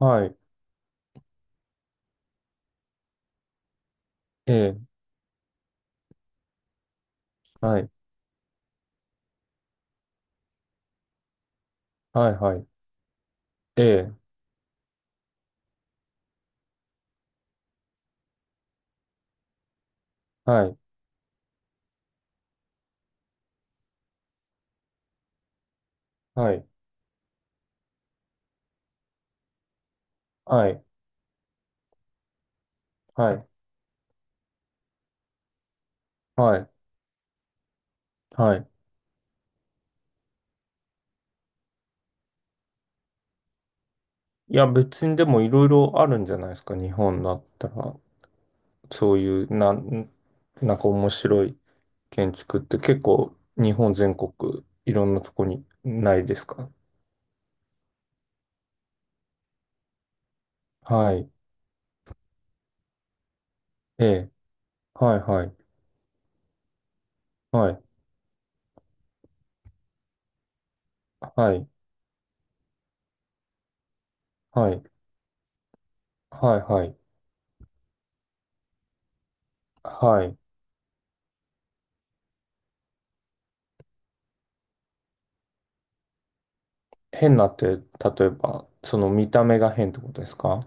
はい、ええ、はい、はい、はい、ええ、はい、はい、はい、はい、はい、はい。いや、別にでもいろいろあるんじゃないですか、日本だったら。そういう、なんか面白い建築って結構日本全国いろんなとこにないですか？はい、ええ、はい、はい、はい、はい、はい、はい、はい、はい。変なって、例えば、その見た目が変ってことですか？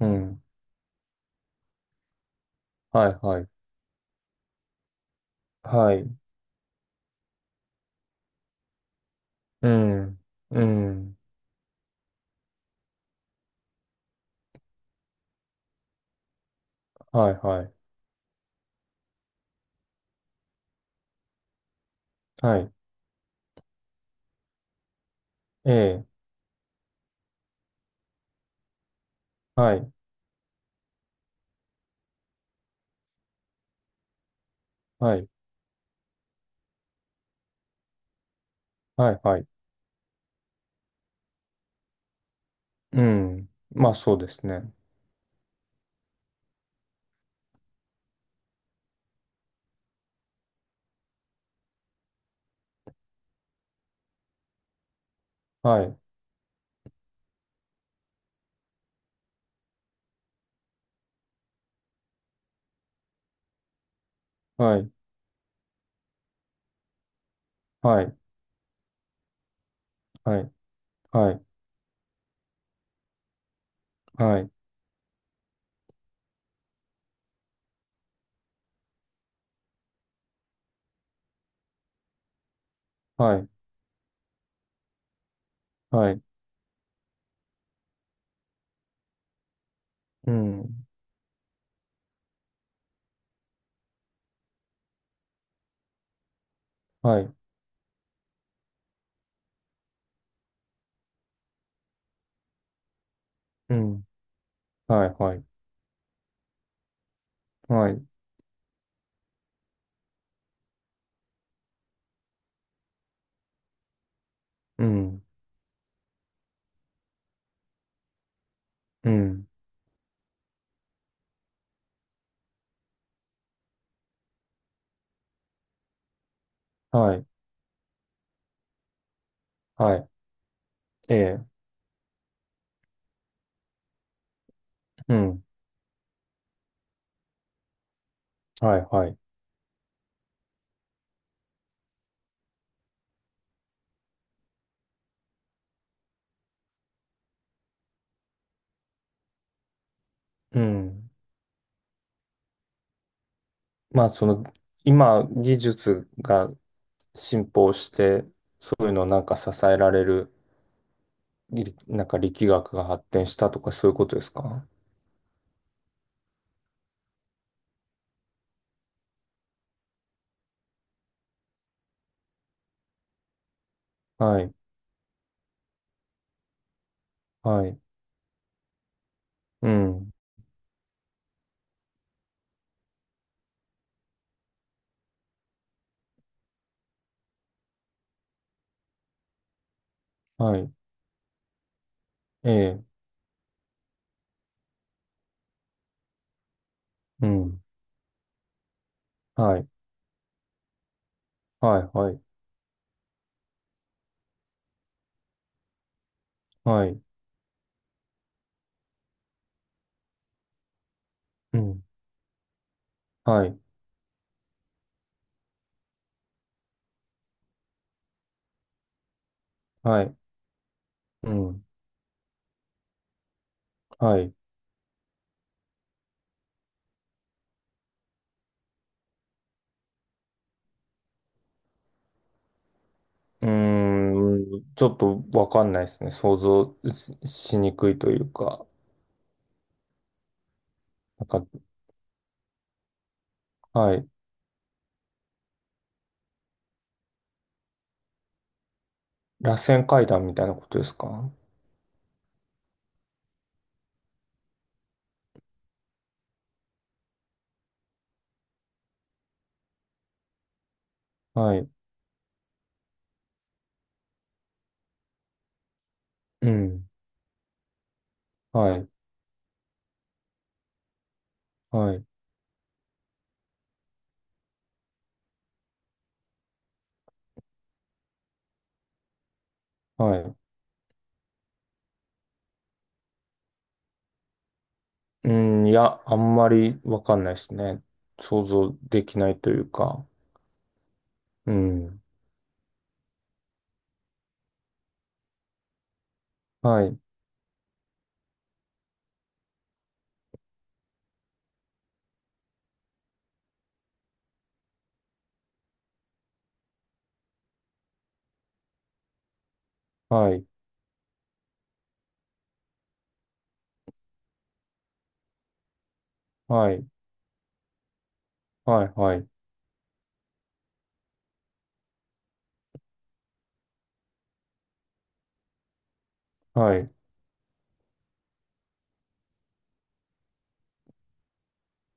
うん、はい、はい。はい。うん、うん、はい、はい、はい、ええ、はい、はい、はい、はい、うん、まあそうですね。はい、はい、はい、はい、はい、はい、はい、はい、うん、はい、うん、はい、はい、はい、うん、うん、はい、はい、ええ、うん、はい、はい、うん。まあその、今、技術が進歩して、そういうのをなんか支えられるりなんか力学が発展したとかそういうことですか？はい、はい、うん、はい、ええ、うん、はい、はい、はい、はい、うん、はい、はい、うん、はい。うーん、ちょっとわかんないですね。想像ししにくいというか、なんか、はい、螺旋階段みたいなことですか？はい、うん、はい、はい、はい。うん、いや、あんまりわかんないですね。想像できないというか、うん。はい、はい、はい、はい、はい、はい、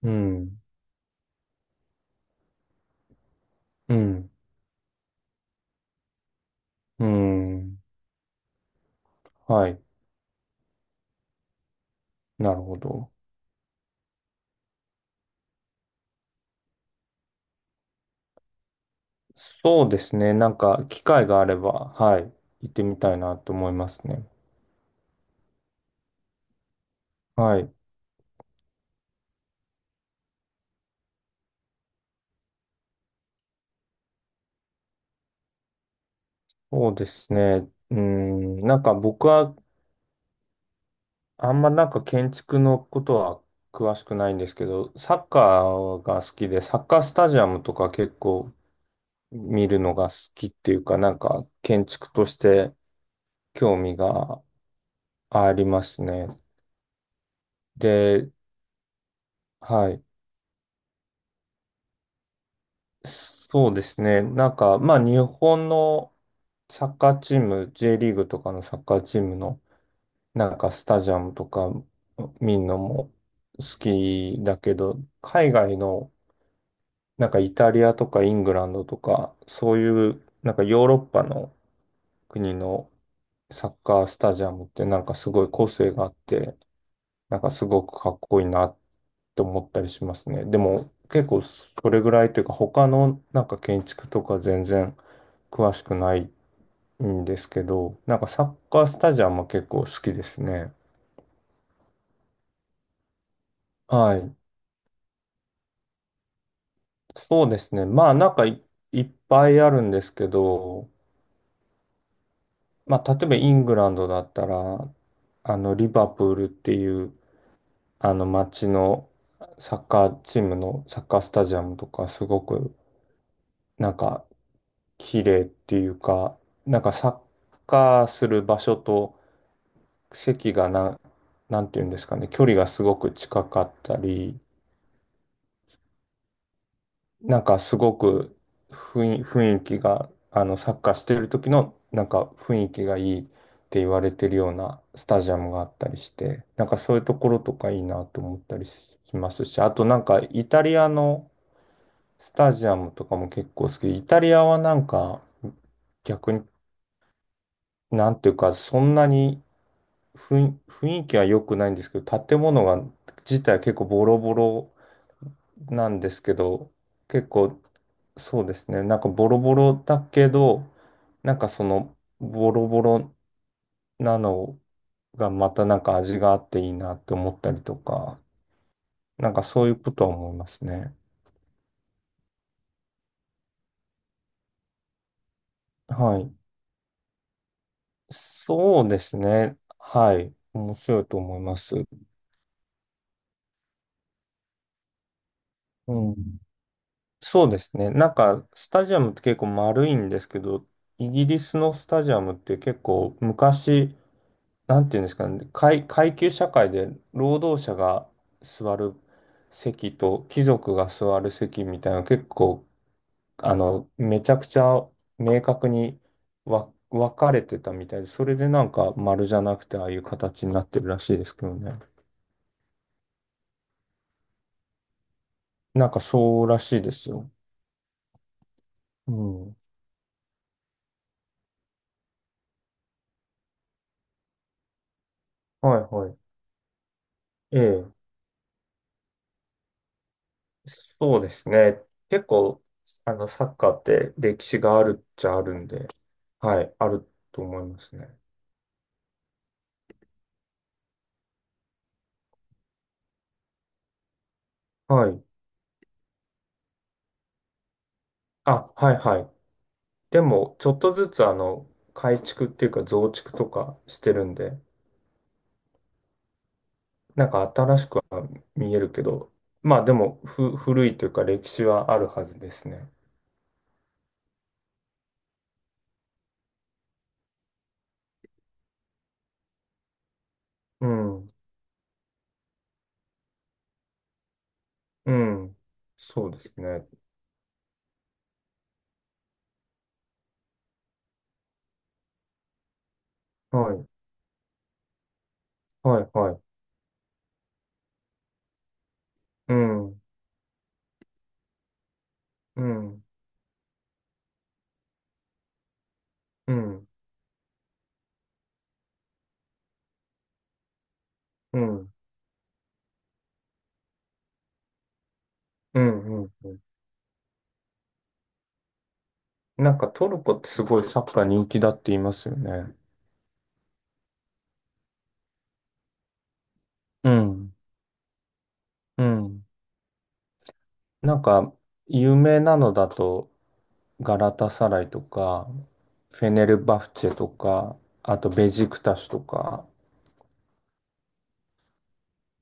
うん、うん、うん、はい、なるほど。そうですね。なんか、機会があれば、はい、行ってみたいなと思いますね。はい、そうですね。うん、なんか僕は、あんまなんか建築のことは詳しくないんですけど、サッカーが好きで、サッカースタジアムとか結構見るのが好きっていうか、なんか建築として興味がありますね。で、はい。そうですね。なんか、まあ、日本のサッカーチーム、J リーグとかのサッカーチームの、なんか、スタジアムとか見るのも好きだけど、海外の、なんか、イタリアとかイングランドとか、そういう、なんか、ヨーロッパの国のサッカースタジアムって、なんか、すごい個性があって、なんか、すごくかっこいいなと思ったりしますね。でも結構それぐらいというか他のなんか建築とか全然詳しくないんですけど、なんかサッカースタジアムは結構好きですね。はい。そうですね。まあなんかいっぱいあるんですけど、まあ例えばイングランドだったら、あのリバプールっていうあの街のサッカーチームのサッカースタジアムとかすごくなんか綺麗っていうか、なんかサッカーする場所と席がなんていうんですかね、距離がすごく近かったり、なんかすごく雰囲気が、サッカーしてる時のなんか雰囲気がいいって言われてるようなスタジアムがあったりして、なんかそういうところとかいいなと思ったりしますし、あとなんかイタリアのスタジアムとかも結構好きで。イタリアはなんか逆に、なんていうか、そんなに雰囲気は良くないんですけど、建物が自体結構ボロボロなんですけど、結構そうですね、なんかボロボロだけど、なんかそのボロボロなのがまたなんか味があっていいなって思ったりとか、なんかそういうことは思いますね。はい。そうですね。はい。面白いと思います。うん。そうですね。なんか、スタジアムって結構丸いんですけど、イギリスのスタジアムって結構昔、なんていうんですかね、階級社会で労働者が座る席と貴族が座る席みたいな結構、めちゃくちゃ明確に分かれてたみたいで、それでなんか丸じゃなくてああいう形になってるらしいですけどね。なんかそうらしいですよ。うん。はいはい。ええ。そうですね。結構、サッカーって歴史があるっちゃあるんで、はい、あると思いますね。はい。あ、はいはい。でも、ちょっとずつ、改築っていうか増築とかしてるんで、なんか新しくは見えるけど、まあでも、古いというか歴史はあるはずですね。うん、うん。そうですね。はい、はい、はい。うん、うん、うん、うん、うん、うん。なんかトルコってすごいサッカー人気だって言いますよね。うん。うん。なんか、有名なのだと、ガラタサライとか、フェネルバフチェとか、あとベジクタシとか、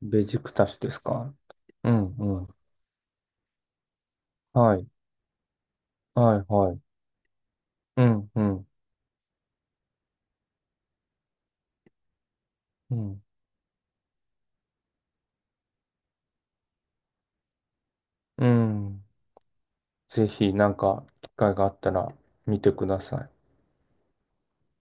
ベジクタシですか？うんうん。はい。はいはい。うんうん。うん。うん。ぜひ、なんか、機会があったら見てください。